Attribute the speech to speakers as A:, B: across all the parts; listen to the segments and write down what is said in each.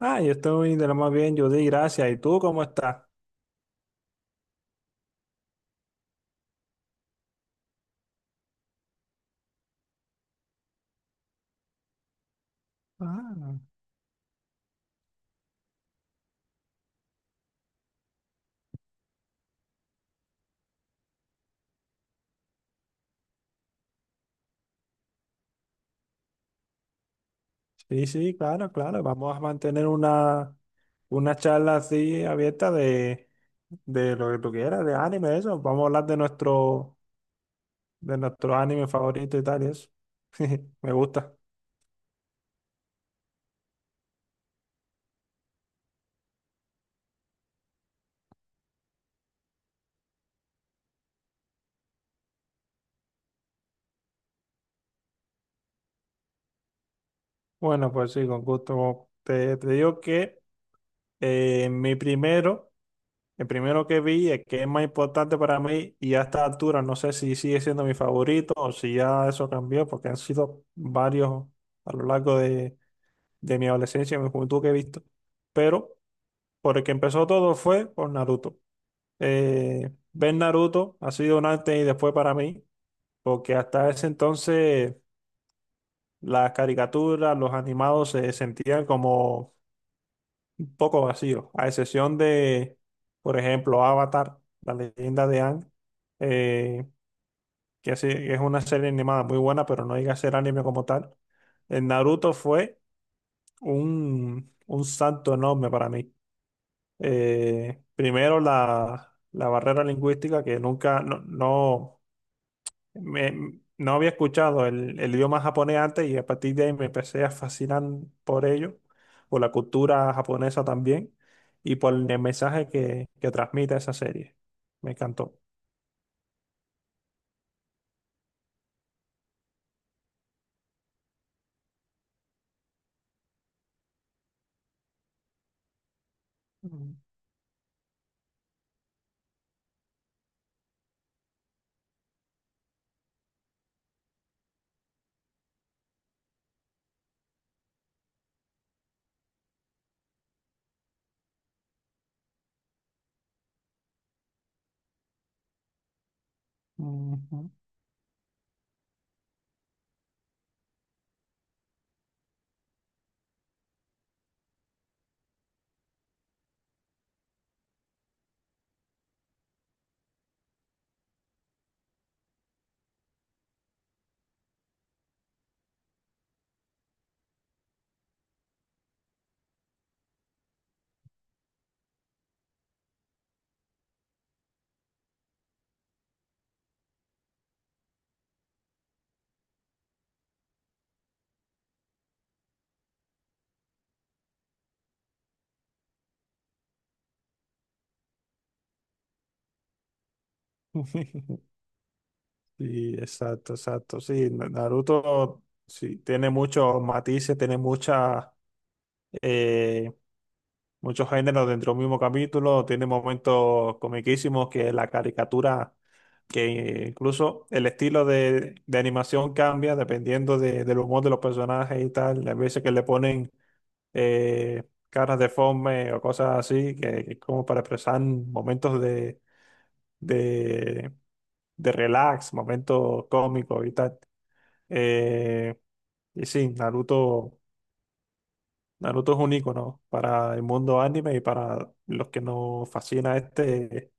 A: Yo estoy de lo más bien, yo di gracias. ¿Y tú cómo estás? Ah, sí, sí, claro, claro. Vamos a mantener una charla así abierta de lo que tú quieras, de anime, eso. Vamos a hablar de de nuestro anime favorito y tal, y eso. Me gusta. Bueno, pues sí, con gusto. Te digo que mi primero. El primero que vi, el que es más importante para mí, y a esta altura no sé si sigue siendo mi favorito o si ya eso cambió, porque han sido varios a lo largo de mi adolescencia y mi juventud que he visto. Pero por el que empezó todo fue por Naruto. Ver Naruto ha sido un antes y después para mí, porque hasta ese entonces las caricaturas, los animados se sentían como un poco vacío, a excepción por ejemplo, Avatar, la leyenda de Aang, eh, que sí, que es una serie animada muy buena, pero no llega a ser anime como tal. En Naruto fue un salto enorme para mí. Primero la barrera lingüística, que nunca, no, no había escuchado el idioma japonés antes, y a partir de ahí me empecé a fascinar por ello, por la cultura japonesa también y por el mensaje que transmite esa serie. Me encantó. Mm, ujú. Sí, exacto, exacto. Sí, Naruto sí, tiene muchos matices, tiene muchas eh, muchos géneros dentro del mismo capítulo, tiene momentos comiquísimos que la caricatura, que incluso el estilo de animación cambia dependiendo del humor de los personajes y tal. Las veces que le ponen eh, caras deformes o cosas así, que es como para expresar momentos de, de relax, momentos cómicos y tal. Eh, y sí, Naruto. Naruto es un icono para el mundo anime y para los que nos fascina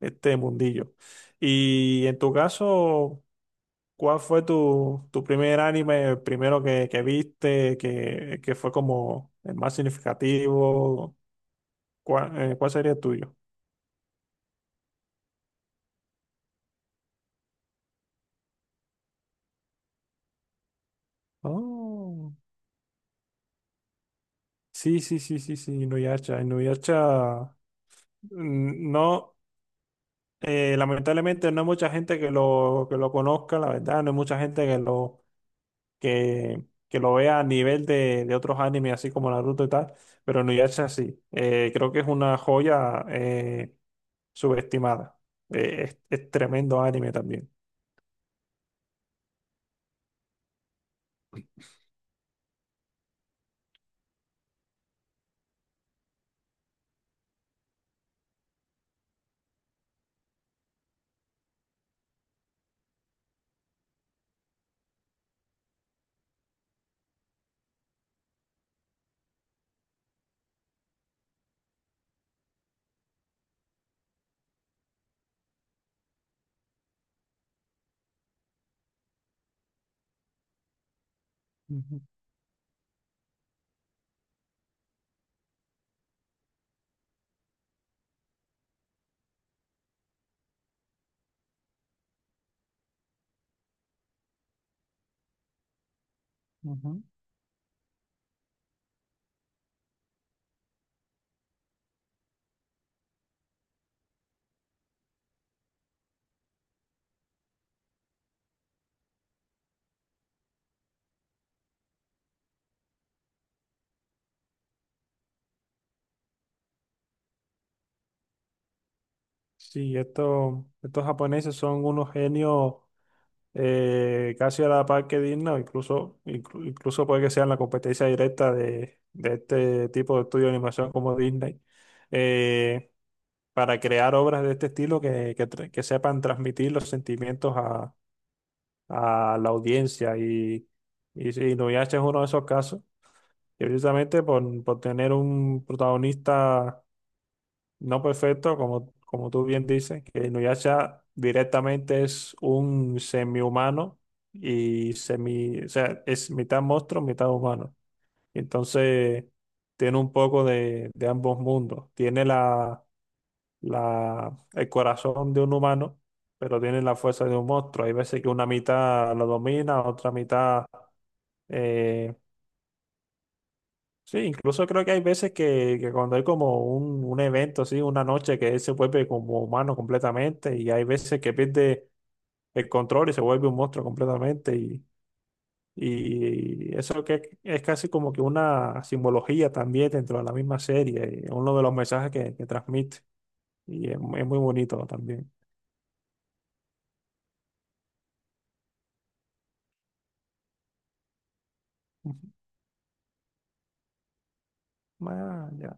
A: este mundillo. Y en tu caso, ¿cuál fue tu primer anime, el primero que viste, que fue como el más significativo? ¿Cuál, cuál sería el tuyo? Oh, sí, sí, sí, sí, sí, Inuyasha. Inuyasha, mm, no, lamentablemente no hay mucha gente que lo conozca, la verdad, no hay mucha gente que, que lo vea a nivel de otros animes, así como Naruto y tal, pero no es así. Creo que es una joya subestimada. Es tremendo anime también. Ujú, ujú. Sí, estos japoneses son unos genios casi a la par que dignos, incluso, incluso puede que sean la competencia directa de este tipo de estudio de animación como Disney. Eh, para crear obras de este estilo que sepan transmitir los sentimientos a la audiencia. Y, sí, Inuyasha es uno de esos casos, que precisamente por tener un protagonista no perfecto, como, como tú bien dices, que Inuyasha directamente es un semihumano y semi, o sea, es mitad monstruo, mitad humano. Entonces, tiene un poco de ambos mundos. Tiene el corazón de un humano, pero tiene la fuerza de un monstruo. Hay veces que una mitad lo domina, otra mitad eh, sí, incluso creo que hay veces que cuando hay como un evento, así, una noche que él se vuelve como humano completamente, y hay veces que pierde el control y se vuelve un monstruo completamente. Y eso que es casi como que una simbología también dentro de la misma serie, y uno de los mensajes que transmite. Y es, es muy bonito también. Ujú. Ah, ya.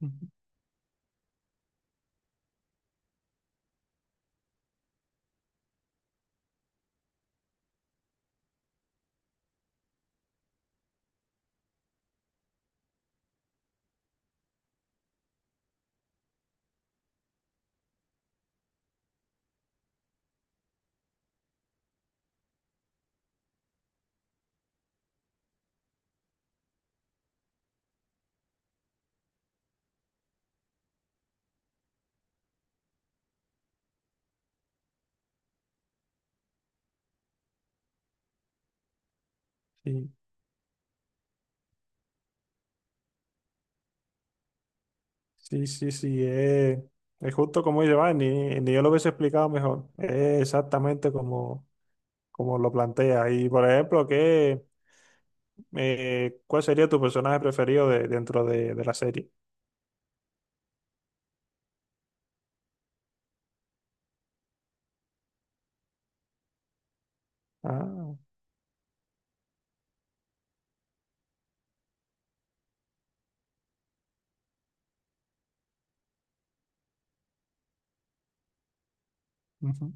A: Ujú. Sí, sí, sí, sí, es justo como dice, va, ni, ni yo lo hubiese explicado mejor, es exactamente como, como lo plantea. Y por ejemplo, ¿qué, cuál sería tu personaje preferido dentro de la serie? Ah, ujú,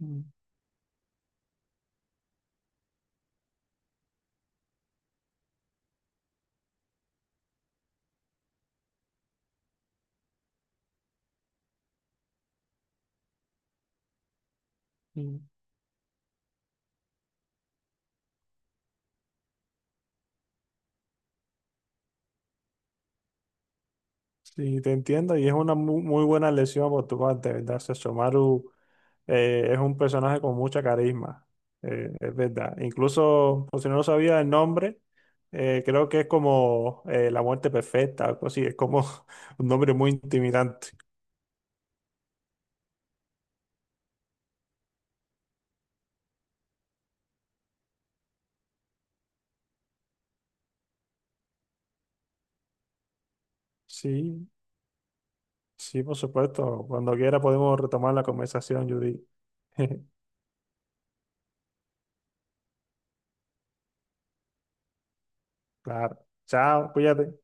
A: ujú, sí. Sí, te entiendo, y es una muy buena elección por tu parte, ¿verdad? Sesshomaru es un personaje con mucha carisma, es verdad. Incluso, por si no lo sabía el nombre, creo que es como la muerte perfecta, algo así, es como un nombre muy intimidante. Sí, sí, por supuesto. Cuando quiera podemos retomar la conversación, Judy. Claro. Chao, cuídate.